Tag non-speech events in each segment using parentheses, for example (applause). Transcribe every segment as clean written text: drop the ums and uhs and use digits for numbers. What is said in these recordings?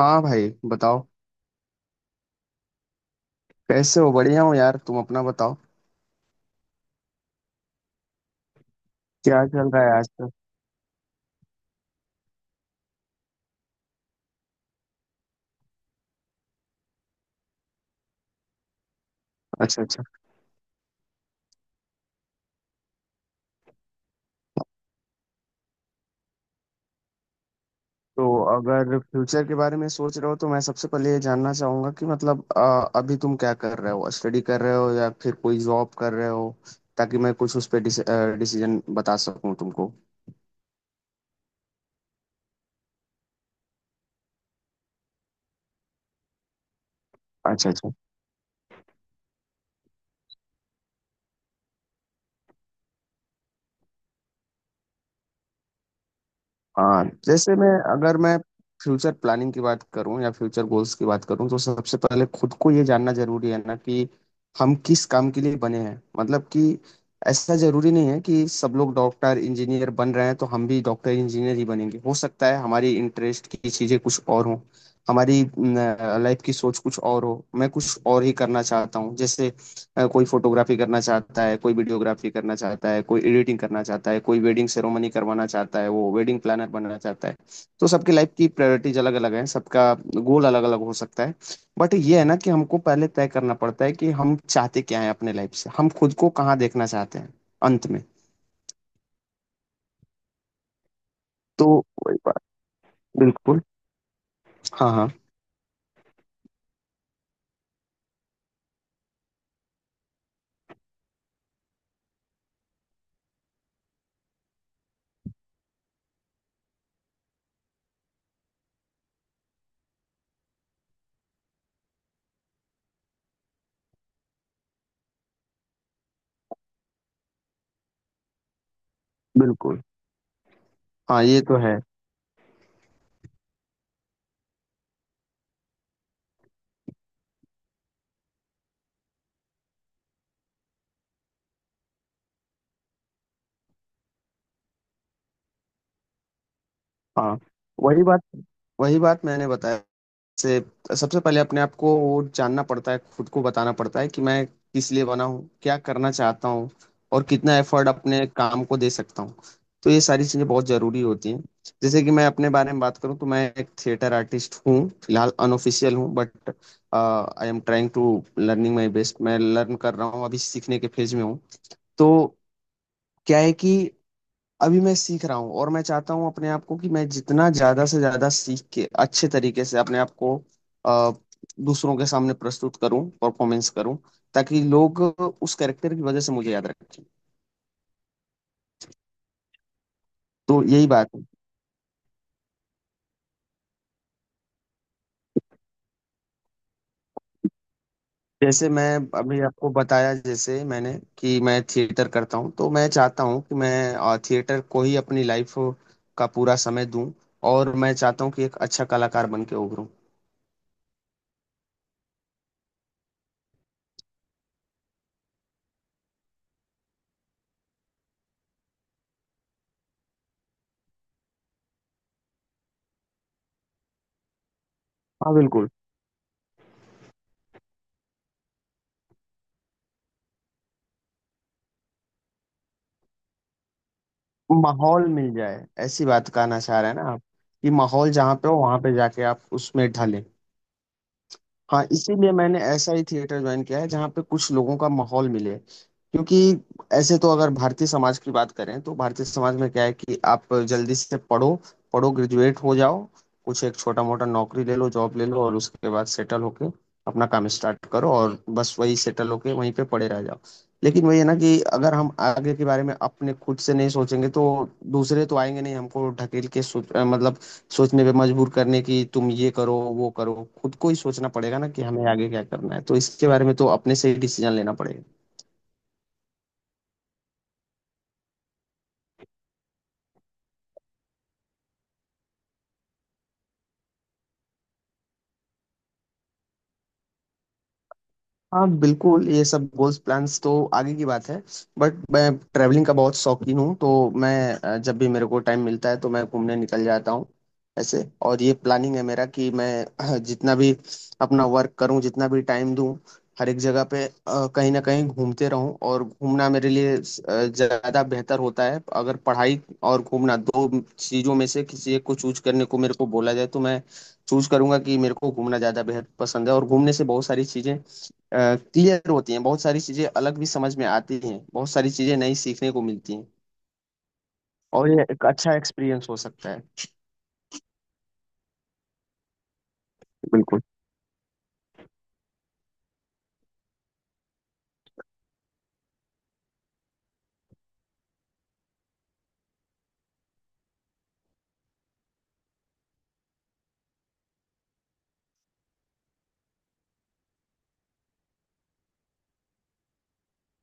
हाँ भाई बताओ। कैसे हो? बढ़िया हो यार? तुम अपना बताओ। क्या चल रहा है आजकल? अच्छा अच्छा। तो अगर फ्यूचर के बारे में सोच रहे हो तो मैं सबसे पहले ये जानना चाहूंगा कि मतलब, अभी तुम क्या कर रहे हो, स्टडी कर रहे हो या फिर कोई जॉब कर रहे हो, ताकि मैं कुछ उस पर डिसीजन बता सकूं तुमको। अच्छा अच्छा। हाँ, जैसे मैं अगर मैं फ्यूचर प्लानिंग की बात करूं या फ्यूचर गोल्स की बात करूं तो सबसे पहले खुद को ये जानना जरूरी है ना कि हम किस काम के लिए बने हैं, मतलब कि ऐसा जरूरी नहीं है कि सब लोग डॉक्टर इंजीनियर बन रहे हैं तो हम भी डॉक्टर इंजीनियर ही बनेंगे। हो सकता है हमारी इंटरेस्ट की चीजें कुछ और हों, हमारी लाइफ की सोच कुछ और हो। मैं कुछ और ही करना चाहता हूँ। जैसे कोई फोटोग्राफी करना चाहता है, कोई वीडियोग्राफी करना चाहता है, कोई एडिटिंग करना चाहता है, कोई वेडिंग सेरेमनी करवाना चाहता है, वो वेडिंग प्लानर बनना चाहता है। तो सबकी लाइफ की प्रायोरिटीज अलग अलग है, सबका गोल अलग अलग हो सकता है। बट ये है ना कि हमको पहले तय करना पड़ता है कि हम चाहते क्या है अपने लाइफ से, हम खुद को कहाँ देखना चाहते हैं अंत में। तो वही बात। बिल्कुल। हाँ हाँ। बिल्कुल। हाँ ये तो है। हाँ वही बात, वही बात मैंने बताया। से सबसे पहले अपने आप को वो जानना पड़ता है, खुद को बताना पड़ता है कि मैं किस लिए बना हूँ, क्या करना चाहता हूँ, और कितना एफर्ट अपने काम को दे सकता हूँ। तो ये सारी चीज़ें बहुत ज़रूरी होती हैं। जैसे कि मैं अपने बारे में बात करूँ तो मैं एक थिएटर आर्टिस्ट हूँ। फिलहाल अनऑफिशियल हूँ, but I am trying to learning my best. मैं लर्न कर रहा हूँ, अभी सीखने के फेज में हूँ। तो क्या है कि अभी मैं सीख रहा हूँ और मैं चाहता हूँ अपने आप को कि मैं जितना ज्यादा से ज्यादा सीख के अच्छे तरीके से अपने आप को अ, दूसरों के सामने प्रस्तुत करूँ, परफॉर्मेंस करूँ, ताकि लोग उस कैरेक्टर की वजह से मुझे याद रखें। तो यही बात है। जैसे मैं अभी आपको बताया जैसे मैंने कि मैं थिएटर करता हूँ, तो मैं चाहता हूँ कि मैं थिएटर को ही अपनी लाइफ का पूरा समय दूं, और मैं चाहता हूँ कि एक अच्छा कलाकार बन के उभरूँ। हाँ बिल्कुल। माहौल मिल जाए, ऐसी बात कहना चाह रहे हैं ना आप? कि माहौल जहाँ पे हो वहां पे जाके आप उसमें ढले। हाँ, इसीलिए मैंने ऐसा ही थिएटर ज्वाइन किया है जहाँ पे कुछ लोगों का माहौल मिले। क्योंकि ऐसे तो अगर भारतीय समाज की बात करें तो भारतीय समाज में क्या है कि आप जल्दी से पढ़ो, पढ़ो, ग्रेजुएट हो जाओ, कुछ एक छोटा मोटा नौकरी ले लो, जॉब ले लो, और उसके बाद सेटल होके अपना काम स्टार्ट करो, और बस वही सेटल होके वहीं पे पड़े रह जाओ। लेकिन वही है ना कि अगर हम आगे के बारे में अपने खुद से नहीं सोचेंगे तो दूसरे तो आएंगे नहीं हमको ढकेल के सोच मतलब सोचने पे मजबूर करने की, तुम ये करो, वो करो। खुद को ही सोचना पड़ेगा ना कि हमें आगे क्या करना है, तो इसके बारे में तो अपने से ही डिसीजन लेना पड़ेगा। हाँ बिल्कुल, ये सब गोल्स प्लान्स तो आगे की बात है। बट मैं ट्रैवलिंग का बहुत शौकीन हूँ, तो मैं जब भी मेरे को टाइम मिलता है तो मैं घूमने निकल जाता हूँ ऐसे। और ये प्लानिंग है मेरा कि मैं जितना भी अपना वर्क करूँ, जितना भी टाइम दूँ, हर एक जगह पे कहीं ना कहीं घूमते रहूँ। और घूमना मेरे लिए ज़्यादा बेहतर होता है। अगर पढ़ाई और घूमना दो चीज़ों में से किसी एक को चूज करने को मेरे को बोला जाए तो मैं चूज करूंगा कि मेरे को घूमना ज़्यादा बेहद पसंद है। और घूमने से बहुत सारी चीज़ें क्लियर होती हैं, बहुत सारी चीजें अलग भी समझ में आती हैं, बहुत सारी चीजें नई सीखने को मिलती हैं, और ये एक अच्छा एक्सपीरियंस हो सकता है। बिल्कुल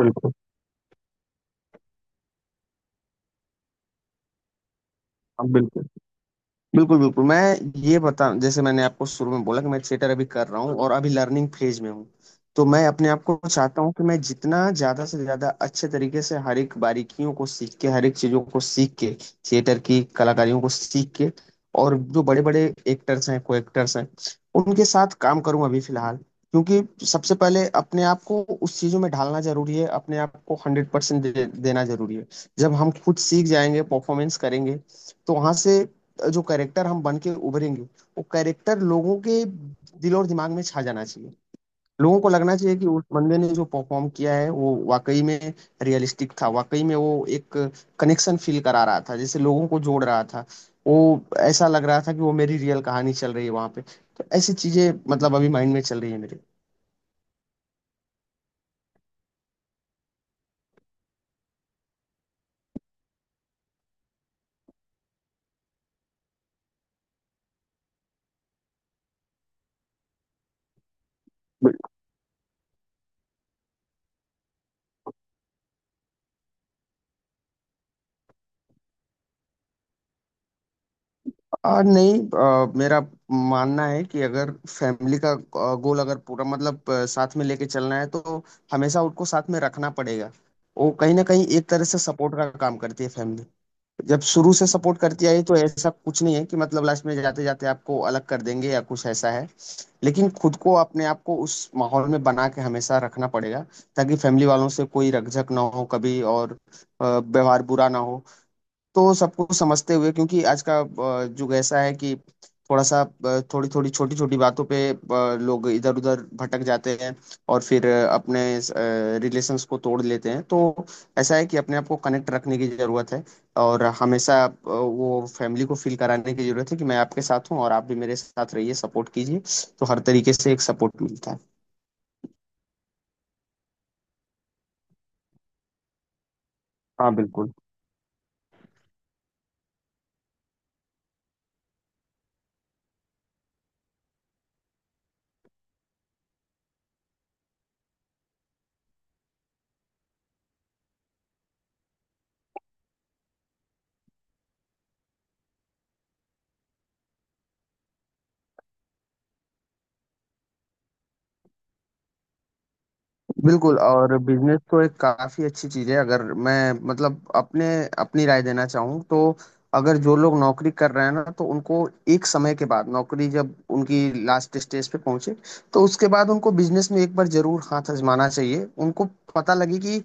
बिल्कुल। हाँ, बिल्कुल बिल्कुल बिल्कुल। मैं ये बता जैसे मैंने आपको शुरू में बोला कि मैं थिएटर अभी कर रहा हूँ और अभी लर्निंग फेज में हूँ। तो मैं अपने आप को चाहता हूँ कि मैं जितना ज्यादा से ज्यादा अच्छे तरीके से हर एक बारीकियों को सीख के, हर एक चीजों को सीख के, थिएटर की कलाकारियों को सीख के, और जो बड़े बड़े एक्टर्स हैं उनके साथ काम करूँ अभी फिलहाल। क्योंकि सबसे पहले अपने आप को उस चीजों में ढालना जरूरी है, अपने आप को हंड्रेड परसेंट देना जरूरी है। जब हम खुद सीख जाएंगे, परफॉर्मेंस करेंगे, तो वहां से जो कैरेक्टर हम बन के उभरेंगे, वो कैरेक्टर लोगों के दिल और दिमाग में छा जाना चाहिए। लोगों को लगना चाहिए कि उस बंदे ने जो परफॉर्म किया है वो वाकई में रियलिस्टिक था, वाकई में वो एक कनेक्शन फील करा रहा था, जैसे लोगों को जोड़ रहा था वो, ऐसा लग रहा था कि वो मेरी रियल कहानी चल रही है वहां पे। तो ऐसी चीजें मतलब अभी माइंड में चल रही है मेरे। नहीं। मेरा मानना है कि अगर फैमिली का गोल अगर पूरा मतलब साथ में लेके चलना है तो हमेशा उनको साथ में रखना पड़ेगा। वो कहीं ना कहीं एक तरह से सपोर्ट का काम करती है फैमिली। जब शुरू से सपोर्ट करती आई तो ऐसा कुछ नहीं है कि मतलब लास्ट में जाते जाते आपको अलग कर देंगे या कुछ ऐसा है। लेकिन खुद को अपने आप को उस माहौल में बना के हमेशा रखना पड़ेगा, ताकि फैमिली वालों से कोई रकझक ना हो कभी, और व्यवहार बुरा ना हो। तो सबको समझते हुए, क्योंकि आज का युग ऐसा है कि थोड़ा सा, थोड़ी थोड़ी छोटी छोटी बातों पे लोग इधर उधर भटक जाते हैं और फिर अपने रिलेशंस को तोड़ लेते हैं। तो ऐसा है कि अपने आप को कनेक्ट रखने की जरूरत है, और हमेशा वो फैमिली को फील कराने की जरूरत है कि मैं आपके साथ हूँ और आप भी मेरे साथ रहिए, सपोर्ट कीजिए। तो हर तरीके से एक सपोर्ट मिलता है। हाँ बिल्कुल। बिल्कुल और बिजनेस तो एक काफी अच्छी चीज है। अगर मैं मतलब अपने अपनी राय देना चाहूँ तो, अगर जो लोग नौकरी कर रहे हैं ना तो उनको एक समय के बाद, नौकरी जब उनकी लास्ट स्टेज पे पहुंचे, तो उसके बाद उनको बिजनेस में एक बार जरूर हाथ आजमाना चाहिए। उनको पता लगे कि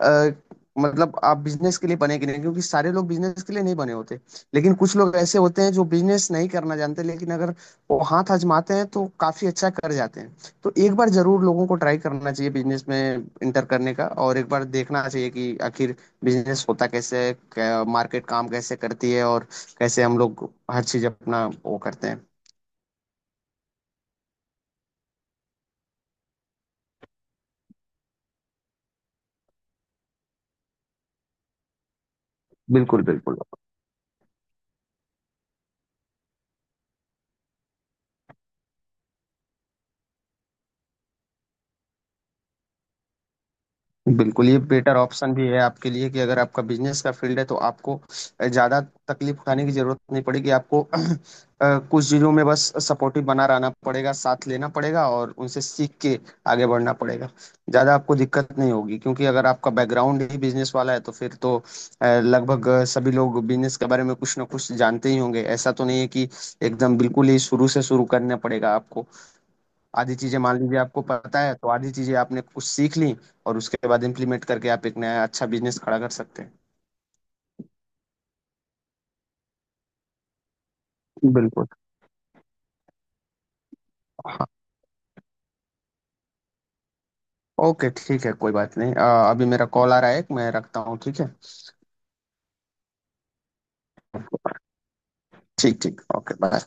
अ, मतलब आप बिजनेस के लिए बने कि नहीं। क्योंकि सारे लोग बिजनेस के लिए नहीं बने होते, लेकिन कुछ लोग ऐसे होते हैं जो बिजनेस नहीं करना जानते, लेकिन अगर वो हाथ आजमाते हैं तो काफी अच्छा कर जाते हैं। तो एक बार जरूर लोगों को ट्राई करना चाहिए बिजनेस में इंटर करने का, और एक बार देखना चाहिए कि आखिर बिजनेस होता कैसे है, मार्केट काम कैसे करती है, और कैसे हम लोग हर चीज अपना वो करते हैं। बिल्कुल बिल्कुल। बिल्कुल ये बेटर ऑप्शन भी है आपके लिए कि अगर आपका बिजनेस का फील्ड है तो आपको ज़्यादा तकलीफ उठाने की ज़रूरत नहीं पड़ेगी। आपको (clears throat) कुछ चीज़ों में बस सपोर्टिव बना रहना पड़ेगा, साथ लेना पड़ेगा, और उनसे सीख के आगे बढ़ना पड़ेगा। ज़्यादा आपको दिक्कत नहीं होगी, क्योंकि अगर आपका बैकग्राउंड ही बिजनेस वाला है तो फिर तो लगभग सभी लोग बिजनेस के बारे में कुछ ना कुछ जानते ही होंगे। ऐसा तो नहीं है कि एकदम बिल्कुल ही शुरू से शुरू करना पड़ेगा आपको। आधी चीजें मान लीजिए आपको पता है, तो आधी चीजें आपने कुछ सीख ली, और उसके बाद इम्प्लीमेंट करके आप एक नया अच्छा बिजनेस खड़ा कर सकते हैं। बिल्कुल। हाँ, ओके ठीक है, कोई बात नहीं। अभी मेरा कॉल आ रहा है, मैं रखता हूँ, ठीक है? ठीक ठीक, ओके बाय।